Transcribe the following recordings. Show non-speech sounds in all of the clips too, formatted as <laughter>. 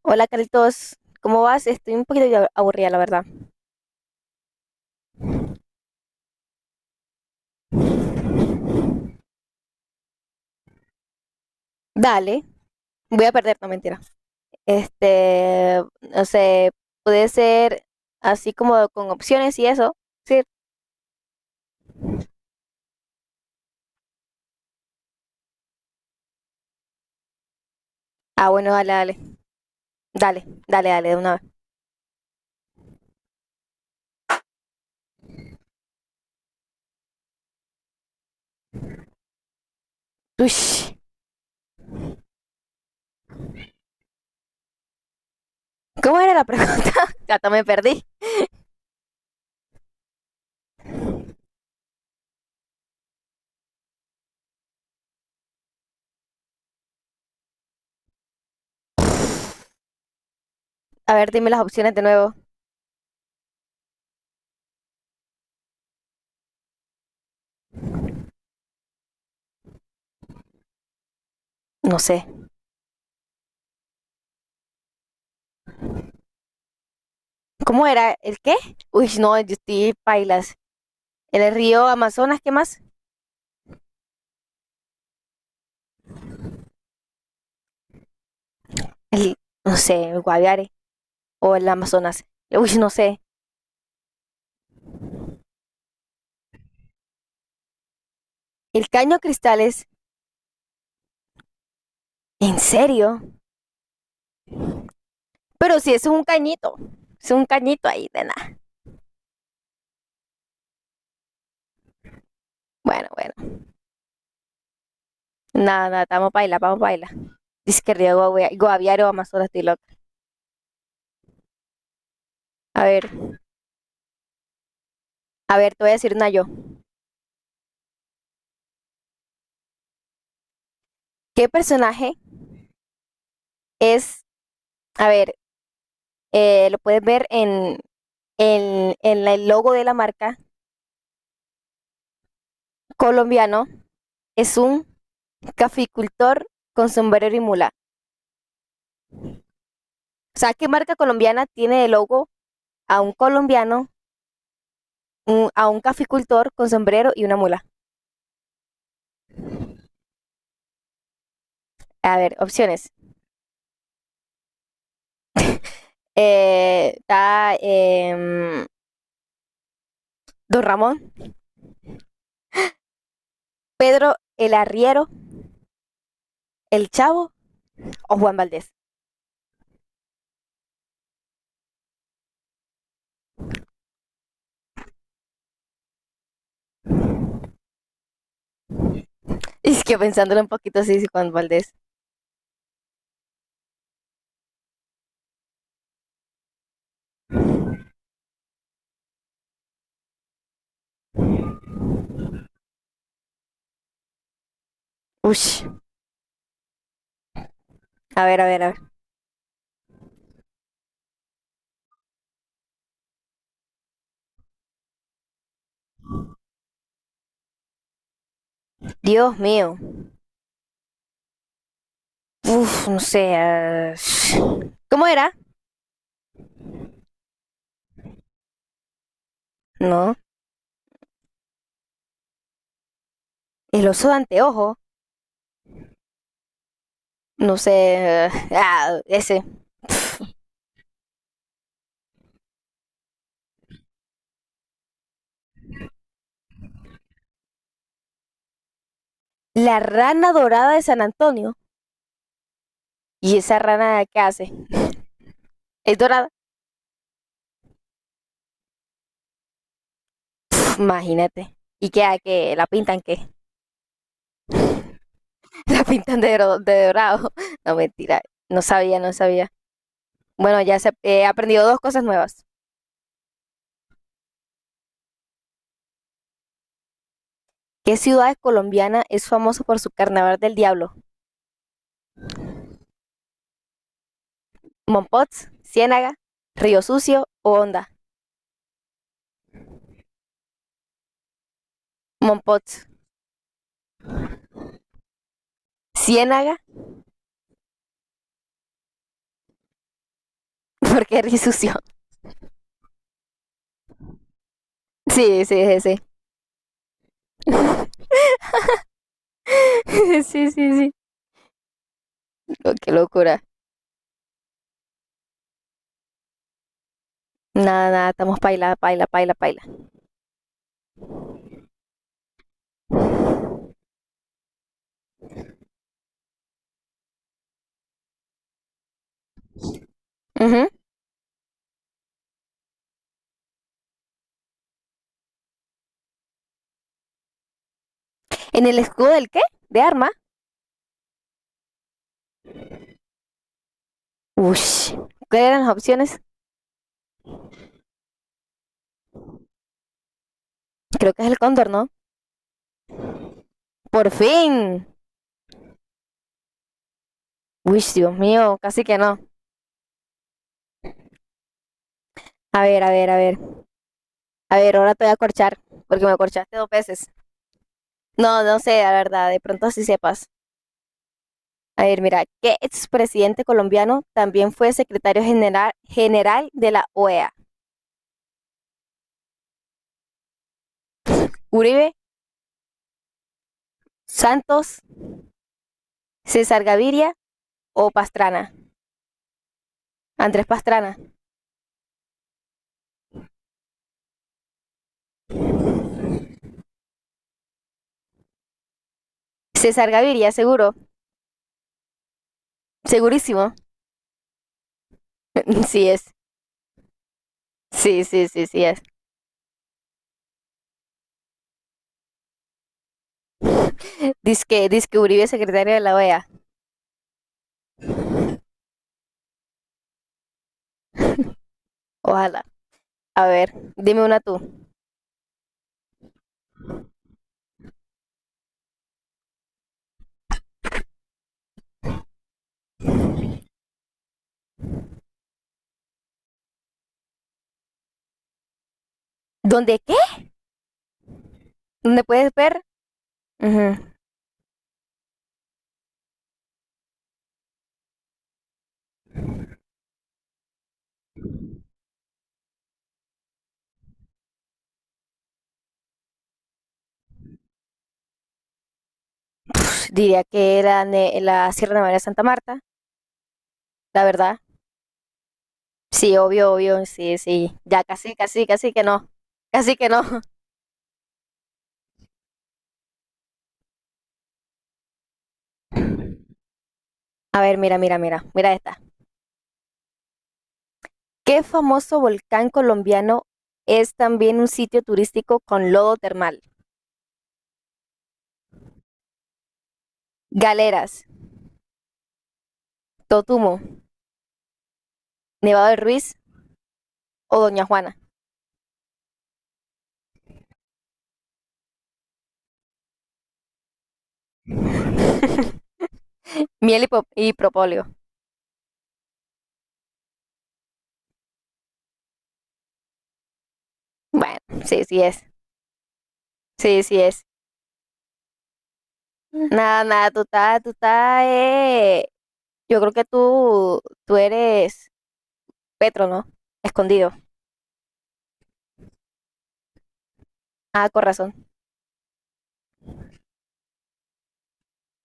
Hola Carlitos, ¿cómo vas? Estoy un poquito ya aburrida, la verdad. Dale, voy a perder, no mentira. No sé, puede ser así como con opciones y eso. Sí. Ah, bueno, dale, dale. Dale, dale, dale, de una vez. Ush, ¿cómo era la pregunta? <laughs> Hasta me perdí. A ver, dime las opciones de nuevo. No sé. ¿Cómo era? ¿El qué? Uy, no, yo estoy pailas. ¿El río Amazonas, qué más? El, no sé, el Guaviare. O el Amazonas. Uy, no sé. El caño cristales, ¿en serio? Pero si es un cañito, es un cañito ahí de nada. Bueno, bueno, nada, nada, vamos a bailar, vamos a bailar. Dice que Río Guaviare o Amazonas, estoy loca. A ver, a ver, te voy a decir una yo. ¿Qué personaje es, a ver, lo puedes ver en el logo de la marca colombiano, es un caficultor con sombrero y mula. O sea, ¿qué marca colombiana tiene de logo a un colombiano a un caficultor con sombrero y una mula? A ver, opciones. Está Don Ramón, el arriero, el chavo o Juan Valdés. <laughs> Es que pensándolo un poquito sí sí, Juan Valdés. Ush, a ver, a ver, a ver. Dios mío. Uf, no sé. ¿Cómo era? No. El oso de anteojo. No sé. Ah, ese. La rana dorada de San Antonio. ¿Y esa rana qué hace? ¿Es dorada? Pf, imagínate. ¿Y qué? ¿A ¿qué la pintan qué? <laughs> La pintan de, de dorado. <laughs> No, mentira, no sabía, no sabía. Bueno, he aprendido dos cosas nuevas. ¿Qué ciudad colombiana es famosa por su carnaval del diablo? ¿Mompots, Ciénaga, Río Sucio o Honda? Mompots, Ciénaga, <laughs> porque Río Sucio. <laughs> Sí, sí, sí, sí. <laughs> Sí, sí, sí. Oh, qué locura. Nada, nada, estamos paila, paila, paila, paila. Ujú. ¿En el escudo del qué? ¿De arma? Ush. ¿Cuáles eran las opciones? Creo que es el cóndor, ¿no? Por fin. Uy, Dios mío, casi que no. A ver, a ver, a ver. A ver, ahora te voy a corchar, porque me corchaste dos veces. No, no sé, la verdad, de pronto así sepas. A ver, mira, ¿qué expresidente colombiano también fue secretario general, general de la OEA? ¿Uribe, Santos, César Gaviria o Pastrana? Andrés Pastrana. César Gaviria, seguro. Segurísimo. <laughs> Sí es. Sí, sí, sí, sí es. <laughs> Dice que Uribe es secretario de la OEA. <laughs> Ojalá. A ver, dime una tú. ¿Dónde qué? ¿Dónde puedes ver? Ujú. Diría que la, la Sierra Nevada de Santa Marta, la verdad. Sí, obvio, obvio, sí, sí. Ya casi, casi, casi que no. Casi que no. A ver, mira, mira, mira, mira esta. ¿Qué famoso volcán colombiano es también un sitio turístico con lodo termal? Galeras, Totumo, Nevado del Ruiz o Doña Juana. <laughs> Miel y, y propóleo. Bueno, sí, sí es. Sí, sí es. Nada, nada, tú estás, yo creo que tú eres Petro, ¿no? Escondido. Ah, con razón,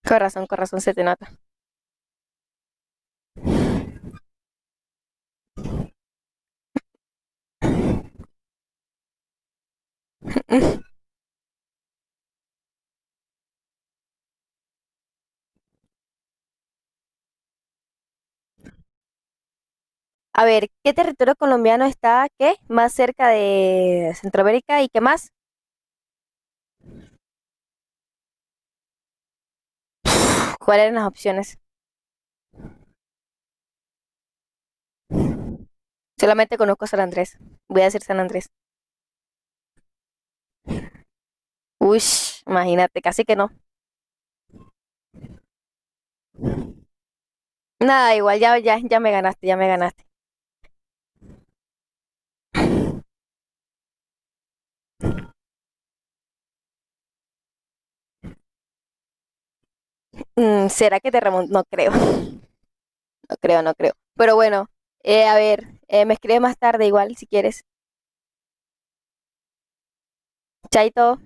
con razón, con razón se te nota. <laughs> A ver, ¿qué territorio colombiano está, qué, más cerca de Centroamérica y qué más? ¿Cuáles eran las opciones? Solamente conozco San Andrés. Voy a decir San Andrés. Uy, imagínate, casi que no. Nada, igual ya, ya, ya me ganaste, ya me ganaste. Mm, ¿será que te remonto? No creo. <laughs> No creo, no creo. Pero bueno, a ver, me escribes más tarde igual si quieres. Chaito.